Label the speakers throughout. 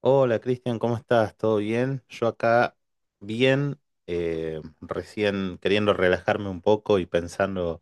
Speaker 1: Hola Cristian, ¿cómo estás? ¿Todo bien? Yo acá bien, recién queriendo relajarme un poco y pensando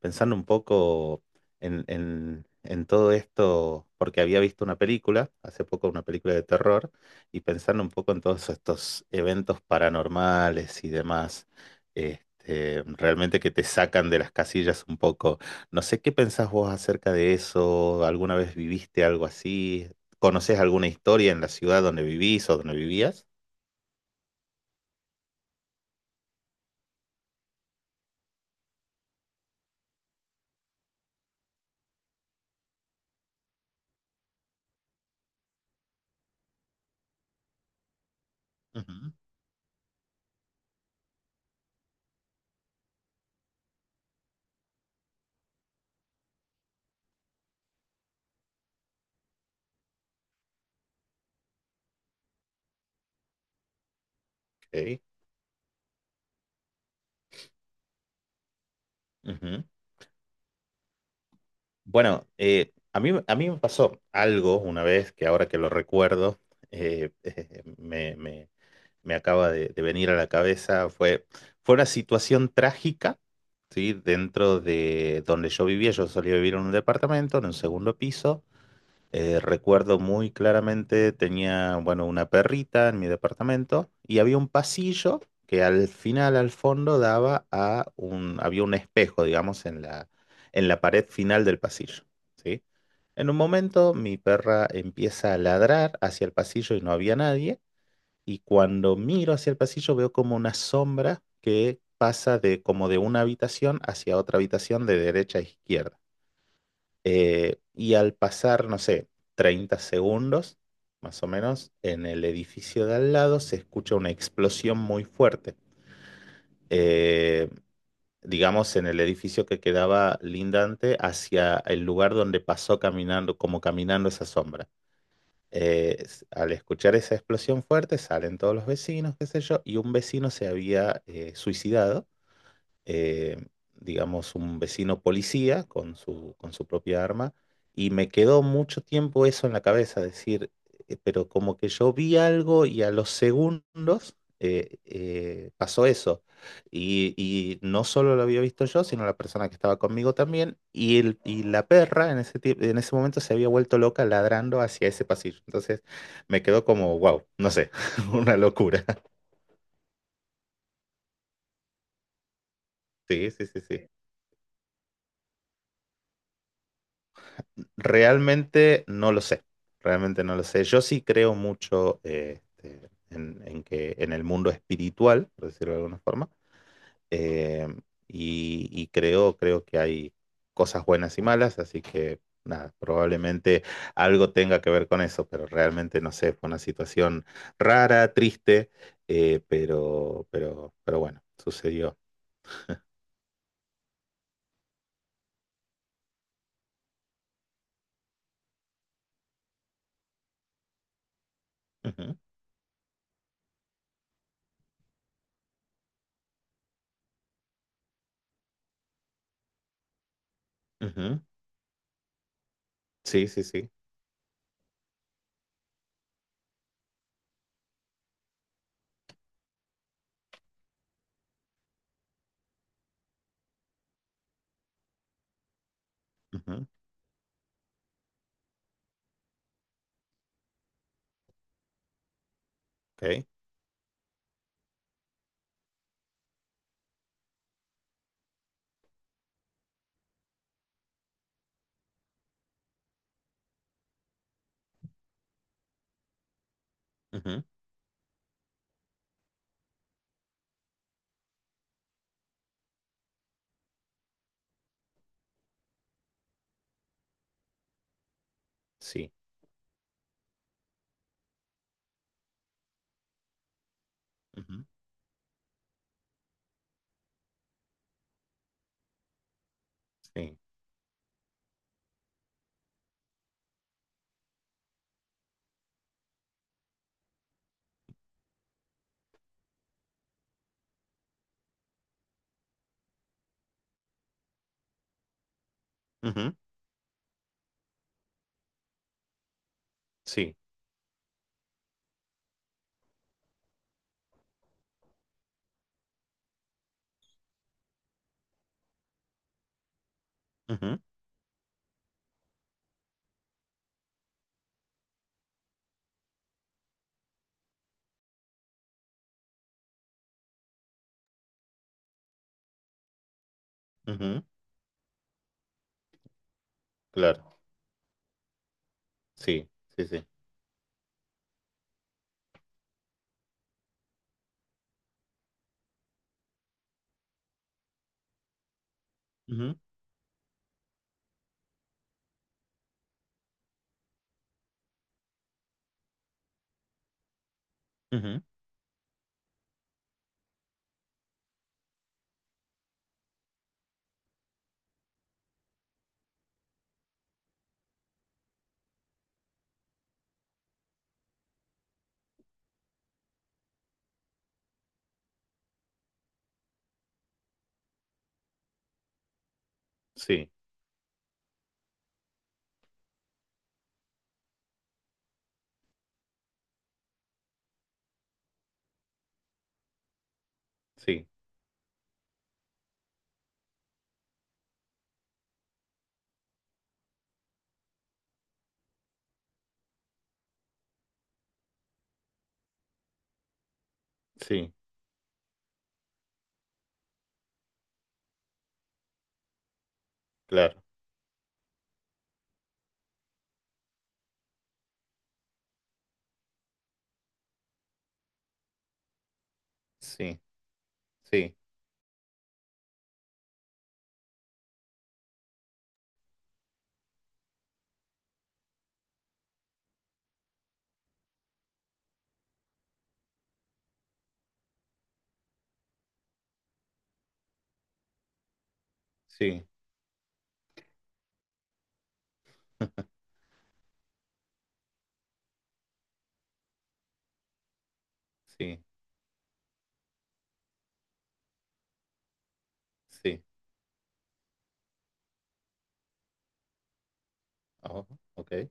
Speaker 1: pensando un poco en todo esto, porque había visto una película, hace poco una película de terror, y pensando un poco en todos estos eventos paranormales y demás, este, realmente que te sacan de las casillas un poco. No sé qué pensás vos acerca de eso, ¿alguna vez viviste algo así? ¿Conoces alguna historia en la ciudad donde vivís o donde vivías? Ujú, ok, ujú. Bueno, a mí me pasó algo una vez que ahora que lo recuerdo, eh, eh, me, me- me acaba de venir a la cabeza, fue una situación trágica, ¿sí? Dentro de donde yo vivía, yo solía vivir en un departamento, en un segundo piso. Recuerdo muy claramente, tenía, bueno, una perrita en mi departamento y había un pasillo que al final, al fondo, daba a un, había un espejo, digamos, en la pared final del pasillo, ¿sí? En un momento, mi perra empieza a ladrar hacia el pasillo y no había nadie, y cuando miro hacia el pasillo veo como una sombra que pasa de, como de una habitación hacia otra habitación de derecha a izquierda. Y al pasar, no sé, 30 segundos, más o menos, en el edificio de al lado se escucha una explosión muy fuerte. Eh, digamos, en el edificio que quedaba lindante hacia el lugar donde pasó caminando, como caminando esa sombra. Al escuchar esa explosión fuerte, salen todos los vecinos, qué sé yo, y un vecino se había suicidado, eh, digamos, un vecino policía con su propia arma, y me quedó mucho tiempo eso en la cabeza, decir, pero como que yo vi algo y a los segundos pasó eso. Y no solo lo había visto yo, sino la persona que estaba conmigo también, y, el, y la perra en en ese momento se había vuelto loca ladrando hacia ese pasillo. Entonces me quedó como, wow, no sé, una locura. Sí, sí, sí, sí. Realmente no lo sé, realmente no lo sé. Yo sí creo mucho este, en que en el mundo espiritual, por decirlo de alguna forma, eh, y creo, creo que hay cosas buenas y malas, así que nada, probablemente algo tenga que ver con eso, pero realmente no sé, fue una situación rara, triste, pero bueno, sucedió. Ujú, ujú. Sí, sí, sí. Ujú, ok, ujú, sí. Ujú, sí. Ujú, sí, ujú, ujú, claro, sí, sí, sí, ujú, ujú, sí, sí, sí, claro, sí, sí, sí, sí, sí. Oh, ok.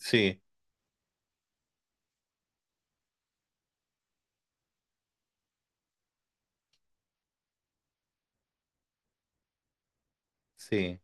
Speaker 1: Sí, sí,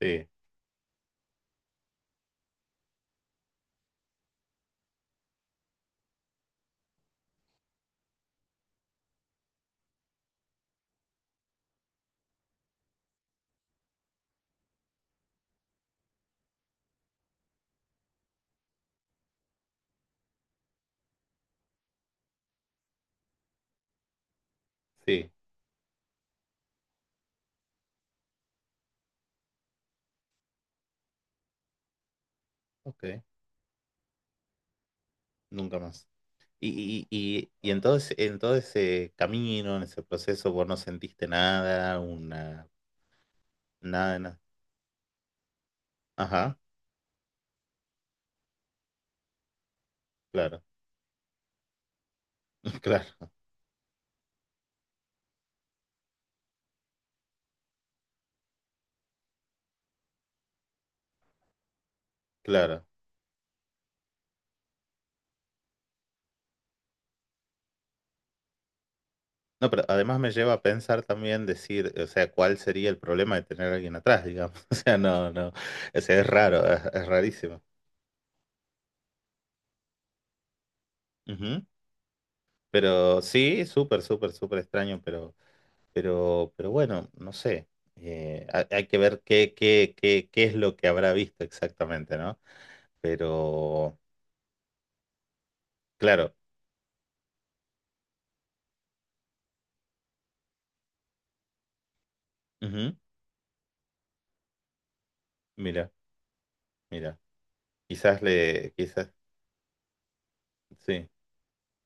Speaker 1: sí, sí, ok, nunca más. Y en todo en todo ese camino, en ese proceso, vos no sentiste nada, una, nada, de nada. Ajá, claro, claro, claro. No, pero además me lleva a pensar también decir, o sea, cuál sería el problema de tener a alguien atrás, digamos. O sea, no, no, o sea, es raro, es rarísimo. Ujú. Pero sí, súper, súper, súper extraño, pero, bueno, no sé. Hay que ver qué es lo que habrá visto exactamente, ¿no? Pero, claro, ujú. Mira, mira, quizás le, quizás, sí,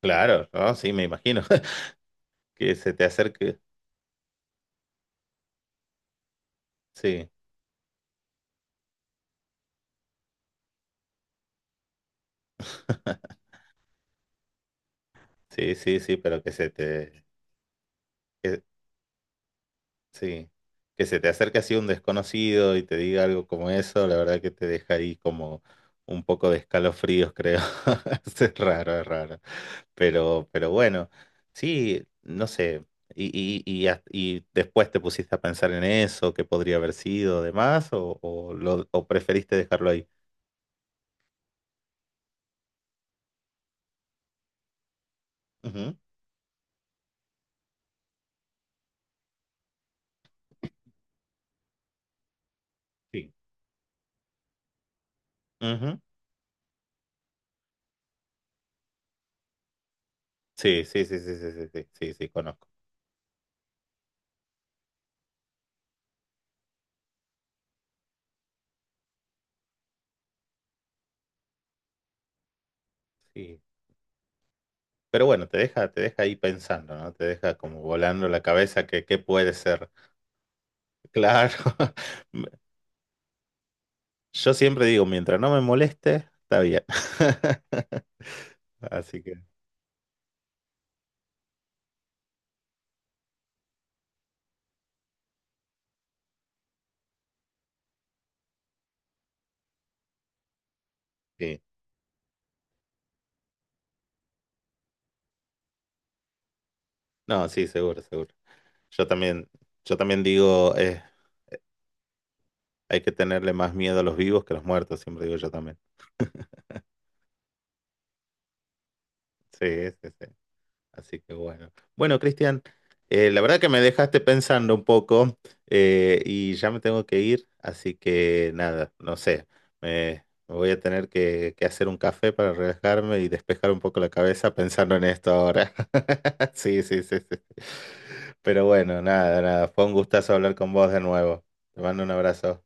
Speaker 1: claro, ¿no? Sí, me imagino que se te acerque, sí. Sí, sí, sí, pero que se te, que- sí, que se te acerque así un desconocido y te diga algo como eso, la verdad que te deja ahí como un poco de escalofríos, creo. Es raro, es raro. Pero bueno, sí, no sé. Y, hasta- y después te pusiste a pensar en eso, qué podría haber sido, demás, o, lo, o preferiste dejarlo ahí. Ujú, sí. Ujú, sí, sí, sí, sí, sí, sí, sí, sí, sí, conozco. Sí. Pero bueno, te deja ahí pensando, ¿no? Te deja como volando la cabeza que qué puede ser. Claro. Yo siempre digo, mientras no me moleste, está bien. Así que sí. No, sí, seguro, seguro. Yo también, yo también digo, hay que tenerle más miedo a los vivos que a los muertos, siempre digo yo también. Sí, sí, sí. Así que bueno. Bueno, Cristian, la verdad que me dejaste pensando un poco, y ya me tengo que ir, así que nada, no sé, me voy a tener que hacer un café para relajarme y despejar un poco la cabeza pensando en esto ahora. Sí, sí, sí, sí. Pero bueno, nada, nada, fue un gustazo hablar con vos de nuevo. Te mando un abrazo.